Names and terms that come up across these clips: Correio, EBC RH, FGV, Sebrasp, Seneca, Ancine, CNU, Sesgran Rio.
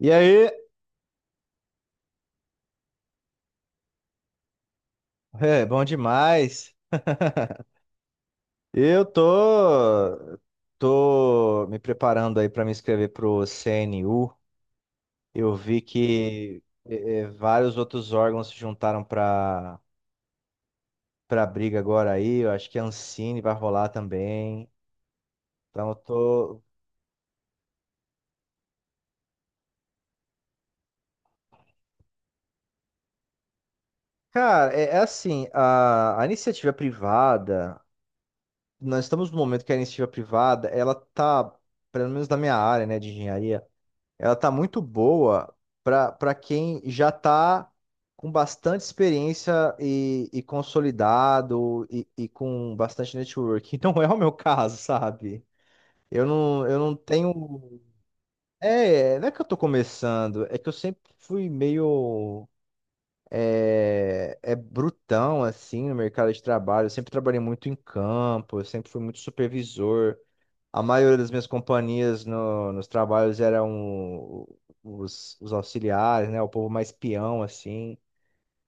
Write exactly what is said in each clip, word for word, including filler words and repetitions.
E aí? É, bom demais. Eu tô tô me preparando aí para me inscrever pro C N U. Eu vi que é, é, vários outros órgãos se juntaram para para briga agora aí. Eu acho que a Ancine vai rolar também. Então eu tô, cara, é, é assim, a, a iniciativa privada, nós estamos no momento que a iniciativa privada, ela tá, pelo menos na minha área, né, de engenharia ela tá muito boa para para quem já tá com bastante experiência e, e consolidado e, e com bastante network. E não é o meu caso, sabe? Eu não, eu não tenho. É, não é que eu tô começando, é que eu sempre fui meio. É, é brutão assim no mercado de trabalho. Eu sempre trabalhei muito em campo, eu sempre fui muito supervisor. A maioria das minhas companhias no- nos trabalhos eram os, os auxiliares, né? O povo mais peão, assim.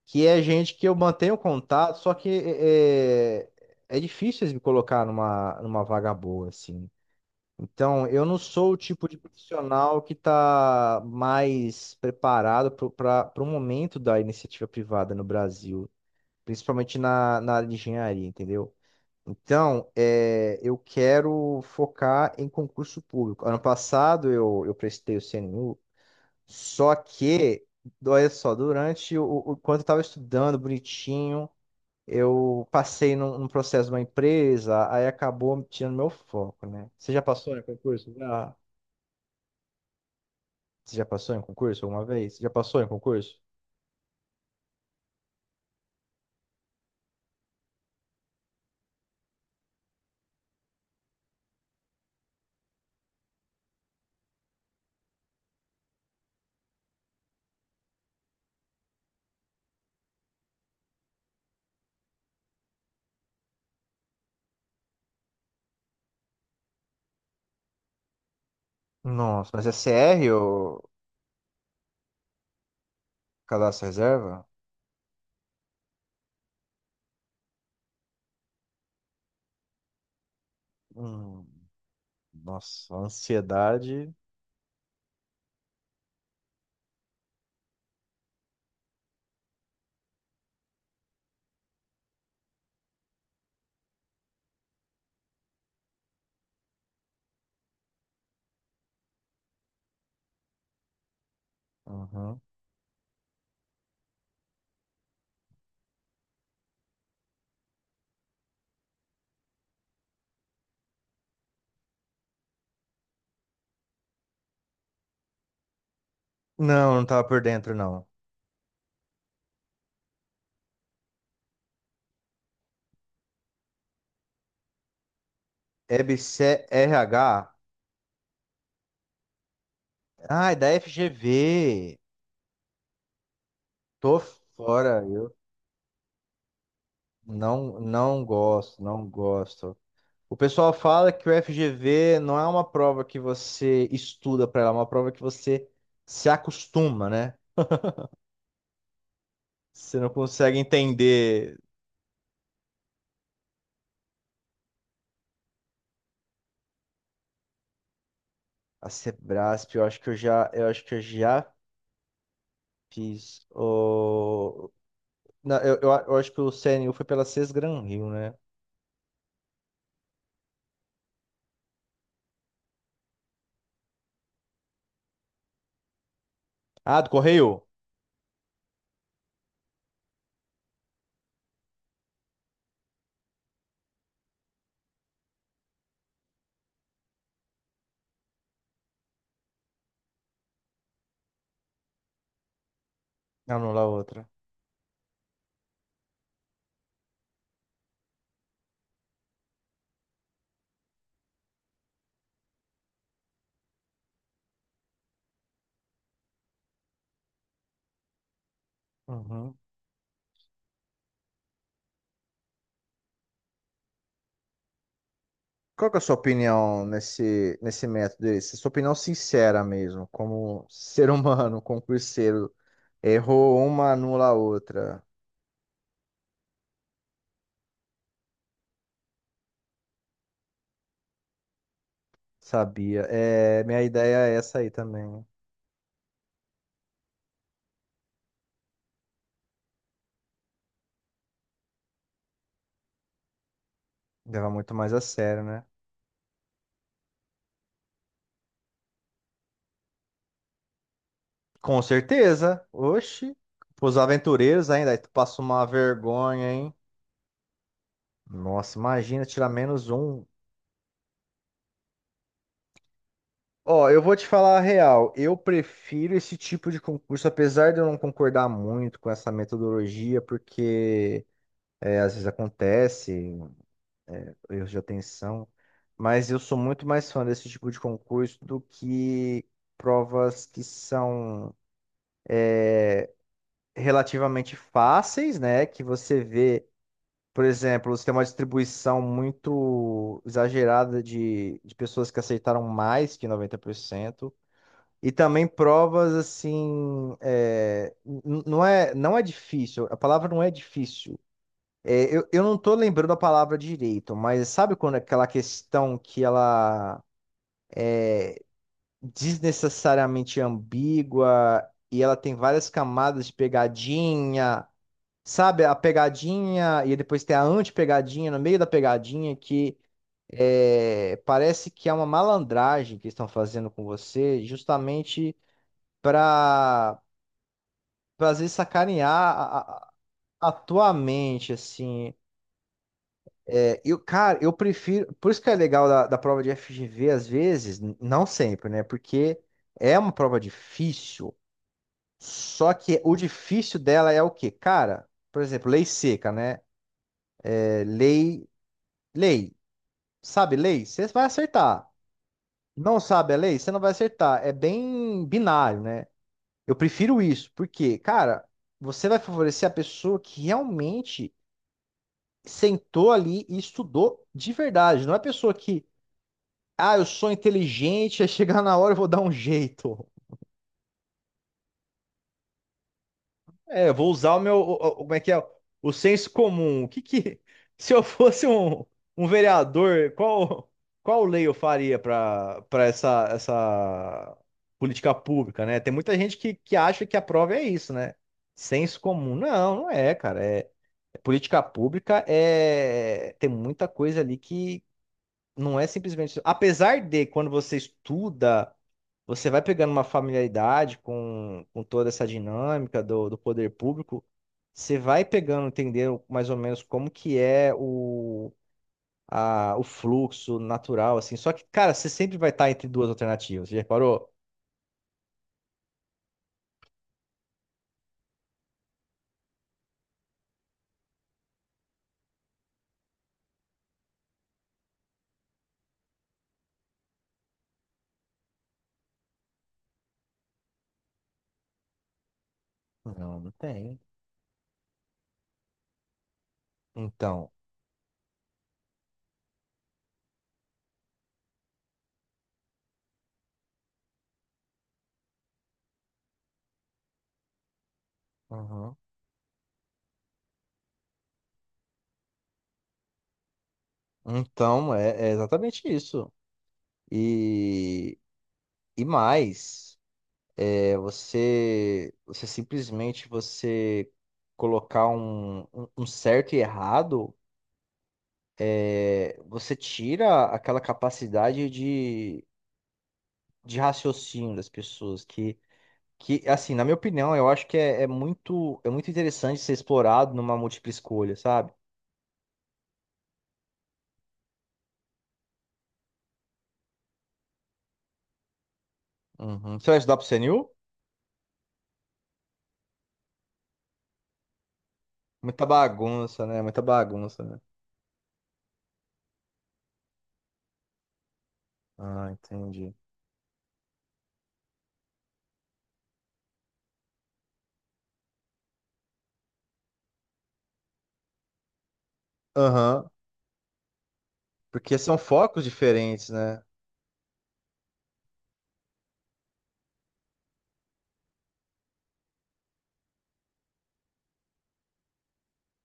Que é gente que eu mantenho contato, só que é, é difícil eles me colocar numa, numa vaga boa, assim. Então, eu não sou o tipo de profissional que está mais preparado para o momento da iniciativa privada no Brasil, principalmente na, na área de engenharia, entendeu? Então, é, eu quero focar em concurso público. Ano passado eu, eu prestei o C N U, só que, olha só, durante o, o- enquanto eu estava estudando bonitinho, eu passei num, num processo de uma empresa, aí acabou tirando meu foco, né? Você já passou em concurso? Já. Você já passou em concurso alguma vez? Você já passou em concurso? Nossa, mas é C R ou cadastro reserva? Hum, nossa, ansiedade. Uhum. Não, não tava por dentro, não. E B C R H? Ah, é da F G V. Tô fora, eu não, não gosto, não gosto. O pessoal fala que o F G V não é uma prova que você estuda para ela, é uma prova que você se acostuma, né? Você não consegue entender a Sebrasp, eu acho que eu já, eu acho que eu já fiz o não, eu, eu, eu acho que o C N U foi pela Sesgran Rio, né? Ah, do Correio? Não, não, lá outra. Uhum. Qual que é a sua opinião nesse, nesse método? Essa sua opinião sincera mesmo, como ser humano, concurseiro. Errou uma, anula a outra. Sabia. É, minha ideia é essa aí também. Levar muito mais a sério, né? Com certeza. Oxi. Os aventureiros ainda, aí tu passa uma vergonha, hein? Nossa, imagina tirar menos um. Ó, eu vou te falar a real. Eu prefiro esse tipo de concurso, apesar de eu não concordar muito com essa metodologia, porque é, às vezes acontece erros de atenção, mas eu sou muito mais fã desse tipo de concurso do que provas que são relativamente fáceis, né? Que você vê, por exemplo, você tem uma distribuição muito exagerada de, de pessoas que aceitaram mais que noventa por cento. E também provas assim, é, n- não é, não é difícil, a palavra não é difícil. É, eu, eu não tô lembrando a palavra direito, mas sabe quando é aquela questão que ela desnecessariamente ambígua e ela tem várias camadas de pegadinha, sabe? A pegadinha e depois tem a anti-pegadinha no meio da pegadinha que é, parece que é uma malandragem que estão fazendo com você, justamente para pra às vezes sacanear a, a- a tua mente, assim. É, eu, cara, eu prefiro. Por isso que é legal da, da prova de F G V, às vezes, n- não sempre, né? Porque é uma prova difícil, só que o difícil dela é o quê? Cara, por exemplo, lei seca, né? É, lei. Lei. Sabe lei? Você vai acertar. Não sabe a lei? Você não vai acertar. É bem binário, né? Eu prefiro isso, porque, cara, você vai favorecer a pessoa que realmente sentou ali e estudou de verdade. Não é pessoa que, ah, eu sou inteligente, aí chegar na hora eu vou dar um jeito. É, eu vou usar o meu, o- o- como é que é? O senso comum. O que que, se eu fosse um, um vereador, qual, qual lei eu faria para para essa, essa política pública, né? Tem muita gente que, que acha que a prova é isso, né? Senso comum. Não, não é, cara. É, política pública é, tem muita coisa ali que não é simplesmente. Apesar de, quando você estuda, você vai pegando uma familiaridade com, com toda essa dinâmica do, do poder público, você vai pegando, entendendo mais ou menos como que é o, a, o fluxo natural, assim. Só que, cara, você sempre vai estar entre duas alternativas. Você já reparou? Não, não tem. Então. Uhum. Então, é, é exatamente isso. E, e mais. É você, você simplesmente você colocar um, um um certo e errado, é, você tira aquela capacidade de, de raciocínio das pessoas que, que assim, na minha opinião, eu acho que é, é muito é muito interessante ser explorado numa múltipla escolha, sabe? Uhum. Você vai estudar pro C N U? Muita bagunça, né? Muita bagunça, né? Ah, entendi. Aham. Porque são focos diferentes, né?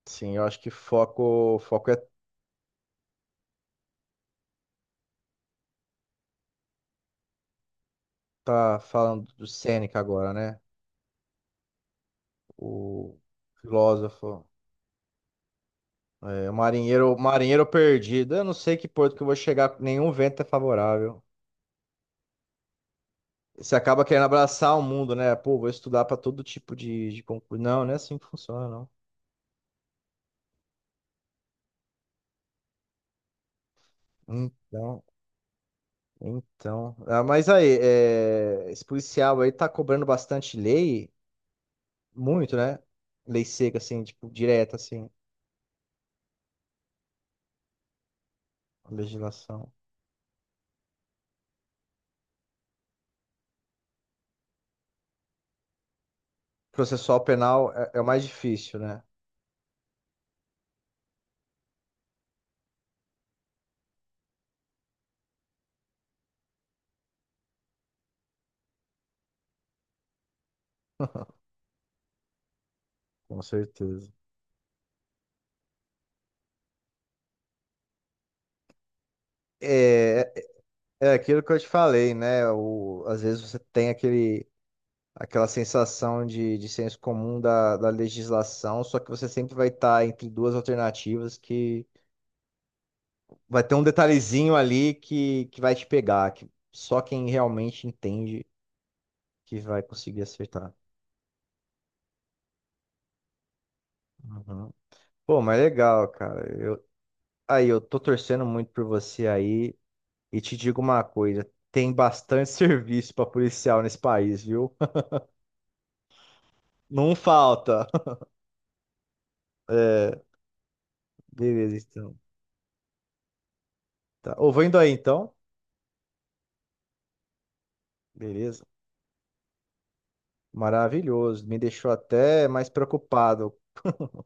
Sim, eu acho que foco, foco é tá falando do Sêneca agora, né? O filósofo, é, o marinheiro, o marinheiro perdido. Eu não sei que porto que eu vou chegar, nenhum vento é favorável. Você acaba querendo abraçar o mundo, né? Pô, vou estudar para todo tipo de, de concurso. Não, não é assim que funciona, não. Então, então. Ah, mas aí, é, esse policial aí tá cobrando bastante lei, muito, né? Lei seca, assim, tipo, direta, assim, legislação. Processual penal é é o mais difícil, né? Com certeza. É, é é aquilo que eu te falei, né? O, às vezes você tem aquele, aquela sensação de, de senso comum da, da legislação, só que você sempre vai estar entre duas alternativas que vai ter um detalhezinho ali que, que vai te pegar, que só quem realmente entende que vai conseguir acertar. Uhum. Pô, mas legal, cara. Eu, aí, eu tô torcendo muito por você aí e te digo uma coisa, tem bastante serviço pra policial nesse país, viu? Não falta. É. Beleza, então. Tá. Ô, vou indo aí, então. Beleza. Maravilhoso. Me deixou até mais preocupado.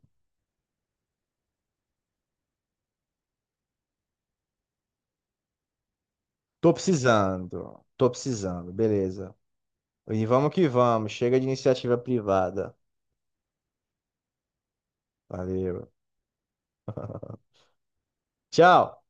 Tô precisando. Tô precisando. Beleza. E vamos que vamos. Chega de iniciativa privada. Valeu. Tchau.